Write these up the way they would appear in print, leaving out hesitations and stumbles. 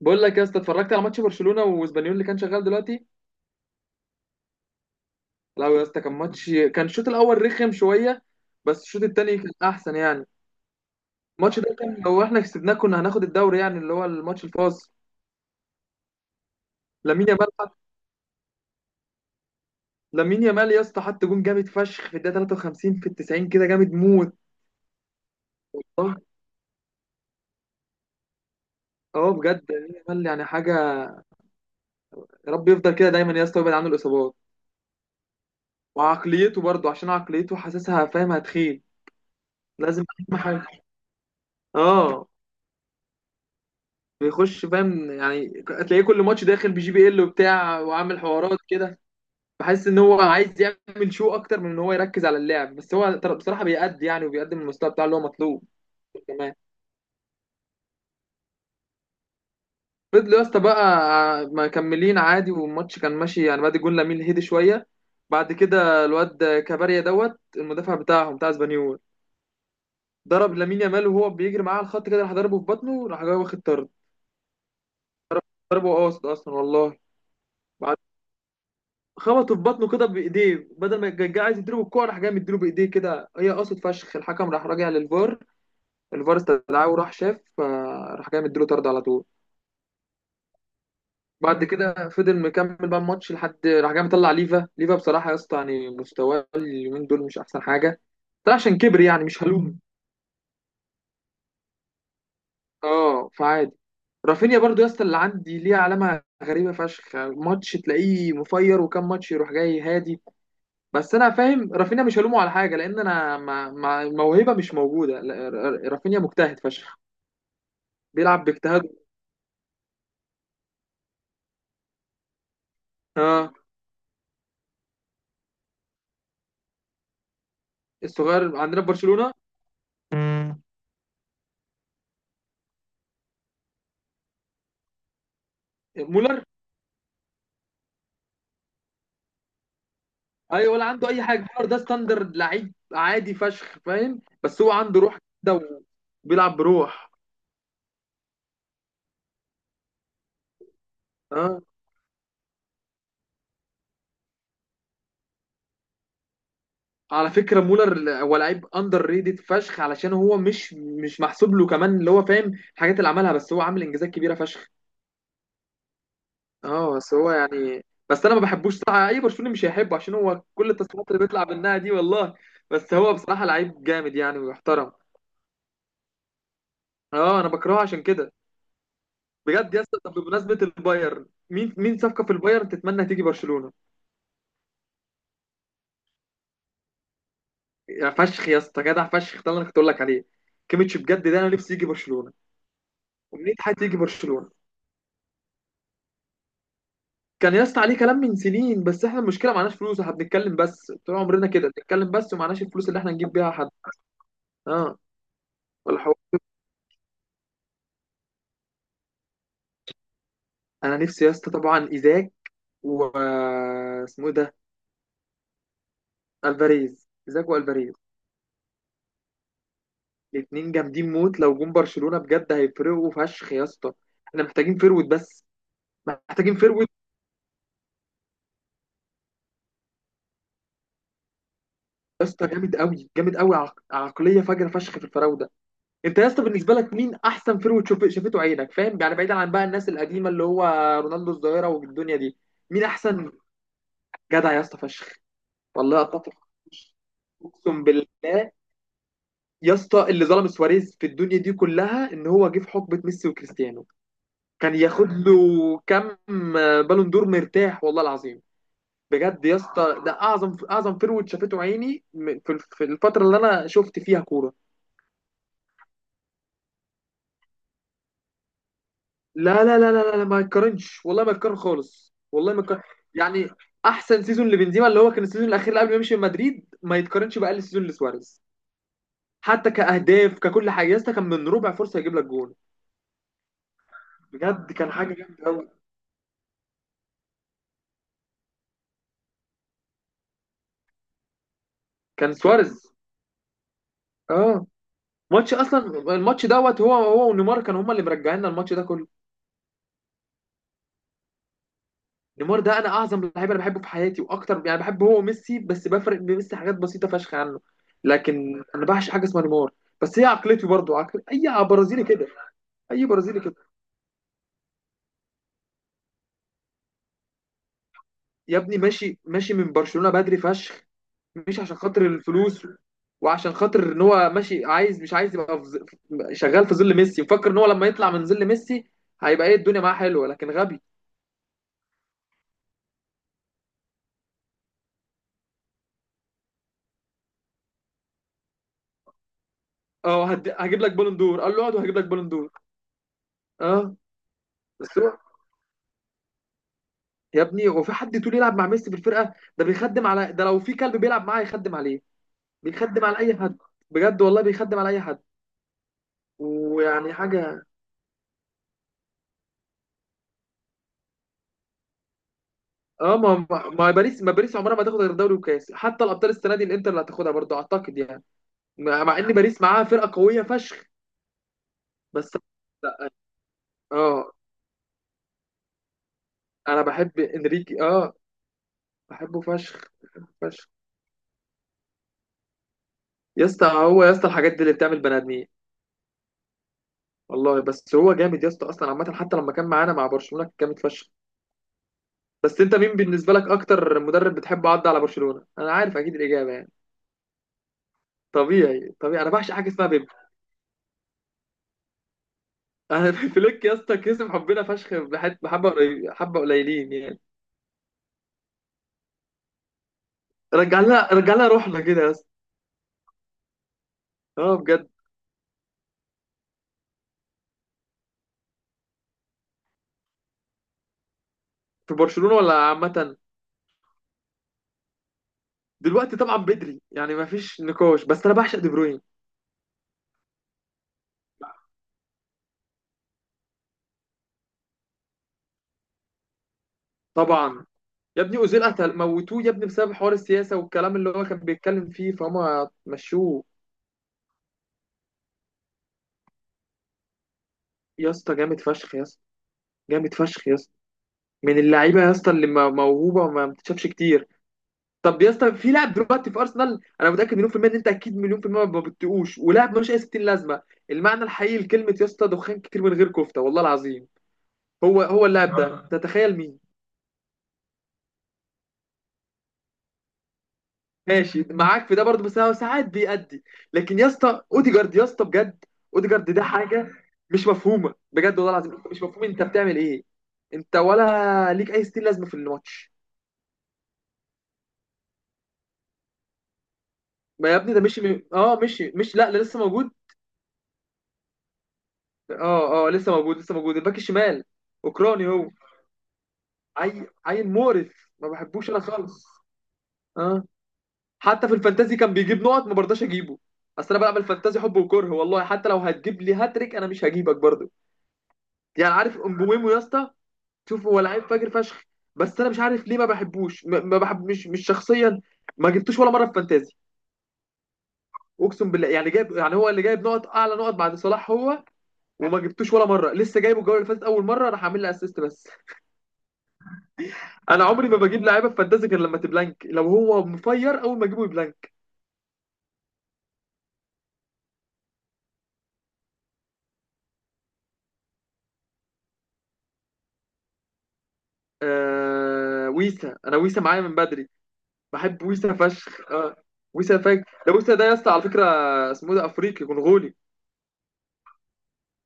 بقول لك يا اسطى اتفرجت على ماتش برشلونه واسبانيول اللي كان شغال دلوقتي. لا يا اسطى كان ماتش كان الشوط الاول رخم شويه. بس الشوط التاني كان احسن يعني. الماتش ده كان لو احنا كسبناه كنا هناخد الدوري يعني اللي هو الماتش الفاصل. لامين يامال حط- لامين يامال يا اسطى حط جون جامد فشخ في الدقيقه 53 في ال 90 كده جامد موت. اه، اه، بجد لامين يامال يعني حاجه. يا رب يفضل كده دايما يا اسطى ويبعد عنه الاصابات. وعقليته برضه، عشان عقليته حاسسها فاهم، هتخيل. لازم. اهم حاجه. اه بيخش فاهم، يعني هتلاقيه كل ماتش داخل بجي بي ال وبتاع وعامل حوارات كده. بحس ان هو عايز يعمل شو اكتر من ان هو يركز على اللعب، بس هو بصراحه بيأدي يعني وبيقدم المستوى بتاعه اللي هو مطلوب. كمان فضلوا يا اسطى بقى مكملين عادي، والماتش كان ماشي يعني بعد جون لامين هدي شويه. بعد كده الواد كباريا دوت المدافع بتاعهم بتاع اسبانيول ضرب لامين يامال وهو بيجري معاه على الخط كده، راح ضربه في بطنه، راح جاي واخد طرد. ضربه قاصد اصلا والله. خبطه في بطنه كده بايديه، بدل ما كان جاي عايز يديله بالكوع راح جاي مديله بايديه كده، هي قصد فشخ. الحكم راح راجع للفار، الفار استدعاه وراح شاف فراح جاي مديله طرد على طول. بعد كده فضل مكمل بقى الماتش لحد راح جاي مطلع ليفا. ليفا بصراحه يا اسطى يعني مستواه اليومين دول مش احسن حاجه. ده عشان كبر يعني، مش هلوم. اه فعادي. رافينيا برضو يا اسطى اللي عندي ليه علامه غريبه فشخ، ماتش تلاقيه مفير وكم ماتش يروح جاي هادي. بس انا فاهم رافينيا مش هلومه على حاجه، لان انا ما موهبه مش موجوده لا، رافينيا مجتهد فشخ. بيلعب باجتهاده. اه الصغير عندنا في برشلونه. مم. مولر. ايوه ولا عنده اي حاجه، مولر ده ستاندرد لعيب عادي فشخ فاهم، بس هو عنده روح كده وبيلعب بروح. اه على فكره مولر هو لعيب اندر ريتد فشخ، علشان هو مش محسوب له كمان اللي هو فاهم الحاجات اللي عملها، بس هو عامل انجازات كبيره فشخ. اه بس هو يعني، بس انا ما بحبوش صراحه، اي برشلوني مش هيحبه عشان هو كل التصريحات اللي بيطلع منها دي والله. بس هو بصراحه لعيب جامد يعني ويحترم. اه انا بكرهه عشان كده. بجد. يا اسطى طب بمناسبه البايرن، مين مين صفقه في البايرن تتمنى تيجي برشلونه؟ يا فشخ يا اسطى جدع فشخ ده اللي انا كنت اقول لك عليه. كيميتش بجد ده انا نفسي يجي برشلونه. ومنين حد يجي برشلونه؟ كان يا اسطى عليه كلام من سنين، بس احنا المشكله معناش فلوس، احنا بنتكلم بس طول عمرنا كده، بنتكلم بس ومعناش الفلوس اللي احنا نجيب بيها حد. اه. والحوار. انا نفسي يا اسطى طبعا ايزاك. واسمه ايه ده؟ الفاريز، زاكو الفاريز. الاتنين جامدين موت، لو جم برشلونة بجد هيفرقوا فشخ يا اسطى. احنا محتاجين فيرويد بس. محتاجين فيرويد. يا اسطى جامد قوي، جامد قوي، عقلية فجرة فشخ في الفراودة. انت يا اسطى بالنسبة لك مين احسن فيرويد شافته عينك فاهم يعني، بعيدا عن بقى الناس القديمة اللي هو رونالدو الظاهرة والدنيا دي؟ مين احسن؟ جدع يا اسطى فشخ. والله اتفق. اقسم بالله. يا اسطى اللي ظلم سواريز في الدنيا دي كلها ان هو جه في حقبة ميسي وكريستيانو. كان ياخد له كم بالون دور مرتاح والله العظيم. بجد يا اسطى ده اعظم اعظم فيرود شافته عيني في الفتره اللي انا شفت فيها كوره. لا، لا، لا، لا، لا، ما يتقارنش والله، ما يتقارن خالص، والله ما يتقارن. يعني احسن سيزون لبنزيما اللي هو كان السيزون الاخير اللي قبل ما يمشي من مدريد ما يتقارنش باقل سيزون لسواريز. حتى كاهداف ككل حاجه يا اسطى كان من ربع فرصه يجيب لك جون. بجد كان حاجه جامده قوي. كان سواريز. اه ماتش اصلا. الماتش دوت هو، هو ونيمار كانوا هما اللي مرجعينا الماتش ده كله. نيمار ده انا اعظم لعيب انا بحبه في حياتي، واكتر يعني بحبه هو وميسي، بس بفرق بميسي حاجات بسيطه فشخ عنه. لكن انا بعشق حاجه اسمها نيمار. بس هي عقلتي برضو عقل اي برازيلي كده. اي برازيلي كده. يا ابني ماشي، ماشي من برشلونه بدري فشخ. مش عشان خاطر الفلوس. وعشان خاطر ان هو ماشي، عايز مش عايز يبقى في شغال في ظل ميسي، مفكر ان هو لما يطلع من ظل ميسي هيبقى ايه الدنيا معاه حلوه، لكن غبي. اه هجيب لك بالون دور، قال له اقعد وهجيب لك بالون دور. اه بس هو، يا ابني هو في حد تقول يلعب مع ميسي في الفرقه ده بيخدم على ده، لو في كلب بيلعب معاه يخدم عليه. بيخدم على اي حد. بجد والله بيخدم على اي حد. ويعني حاجه. اه ما ما ما باريس ما باريس عمرها ما تاخد غير دوري وكاس، حتى الابطال السنه دي الانتر اللي هتاخدها برضه اعتقد يعني. مع ان باريس معاها فرقه قويه فشخ بس. لا. اه انا بحب انريكي، اه. بحبه فشخ. فشخ يا اسطى، هو يا اسطى الحاجات دي اللي بتعمل بني ادمين. والله بس هو جامد يا اسطى اصلا عامه، حتى لما كان معانا مع برشلونه كان جامد فشخ. بس انت مين بالنسبه لك اكتر مدرب بتحب عدى على برشلونه؟ انا عارف اكيد الاجابه يعني. طبيعي، طبيعي، انا بعشق حاجه اسمها بيب. انا فليك يا اسطى كسب حبنا فشخ، بحبه حبه قليلين يعني. رجع لها، رجع لها روحنا كده يا اسطى. اه بجد. في برشلونه ولا عامه؟ دلوقتي طبعا بدري يعني ما فيش نقاش، بس انا بعشق دي بروين. طبعا. يا ابني اوزيل قتل، موتوه يا ابني بسبب حوار السياسه والكلام اللي هو كان بيتكلم فيه، فهم مشوه. يا اسطى جامد فشخ يا اسطى. جامد فشخ يا اسطى. من اللعيبه يا اسطى اللي موهوبه وما بتتشافش كتير. طب يا اسطى، في لاعب دلوقتي في ارسنال، انا متاكد مليون في الميه ان انت اكيد مليون في الميه ما بتقوش، ولاعب ملوش اي 60 لازمه. المعنى الحقيقي لكلمه يا اسطى دخان كتير من غير كفته والله العظيم. هو، هو اللاعب ده آه. تتخيل مين؟ ماشي معاك في ده برضه بس هو ساعات بيأدي. لكن يا اسطى اوديجارد، يا اسطى بجد. اوديجارد ده حاجه مش مفهومه بجد والله العظيم، مش مفهوم انت بتعمل ايه. انت ولا ليك اي 60 لازمه في الماتش. ما يا ابني ده اه مشي، مش، لا، لا لسه موجود. اه، اه، لسه موجود، لسه موجود، الباك الشمال. اوكراني هو. عيل، عيل مقرف ما بحبوش انا خالص. اه حتى في الفانتازي كان بيجيب نقط، ما برضاش اجيبه. اصل انا بلعب الفانتازي حب وكره والله، حتى لو هتجيب لي هاتريك انا مش هجيبك برضه. يعني عارف امبوميمو يا اسطى؟ شوف هو لعيب فاجر فشخ، بس انا مش عارف ليه ما بحبوش، ما بحب، مش شخصيا. ما جبتوش ولا مره في فانتازي. اقسم بالله، يعني جايب يعني هو اللي جايب نقط اعلى نقط بعد صلاح هو. وما جبتوش ولا مره، لسه جايبه الجوله اللي فاتت اول مره راح اعمل له اسيست بس. انا عمري ما بجيب لعيبه في فانتازي غير لما تبلانك، لو هو مفير اول ما اجيبه يبلانك. آه ويسا، انا ويسا معايا من بدري. بحب ويسا فشخ، آه. ويسا فشخ، ده ويسا ده يا اسطى على فكره اسمه ده افريقي كونغولي.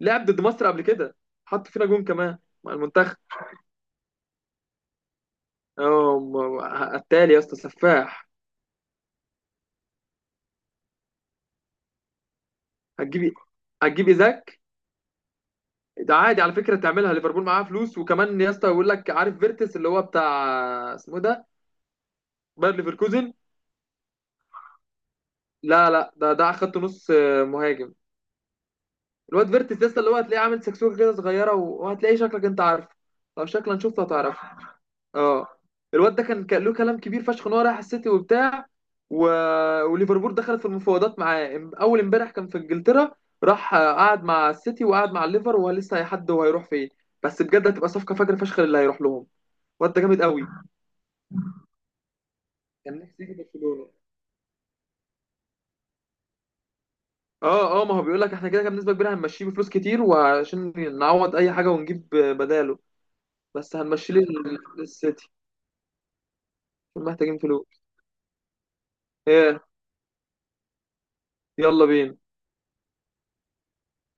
لعب ضد مصر قبل كده. حط فينا جون كمان، مع المنتخب. اه قتال يا اسطى، سفاح. هتجيب إيه؟ هتجيب ايزاك. ده عادي على فكره تعملها ليفربول، معاها فلوس. وكمان يا اسطى يقول لك عارف فيرتس اللي هو بتاع، اسمه ده باير ليفركوزن. لا لا، ده خدت نص. مهاجم. الواد فيرتس لسه، اللي هو هتلاقيه عامل سكسوكه كده صغيره وهتلاقيه شكلك انت عارفه. لو شكلا شفته هتعرفه. اه الواد ده كان له كلام كبير فشخ ان هو رايح السيتي وبتاع. و... وليفربول دخلت في المفاوضات معاه، اول امبارح كان في انجلترا. راح قعد مع السيتي وقعد مع الليفر، وهو لسه هيحدد هو هيروح فين. بس بجد هتبقى صفقه فجر فشخ اللي هيروح لهم. الواد ده جامد قوي. كان نفسي يجي برشلونه. اه، اه، ما هو بيقول لك احنا كده كده بنسبه كبيره هنمشيه بفلوس كتير، وعشان نعوض اي حاجه ونجيب بداله. بس هنمشيه للسيتي. محتاجين فلوس. ايه؟ يلا بينا.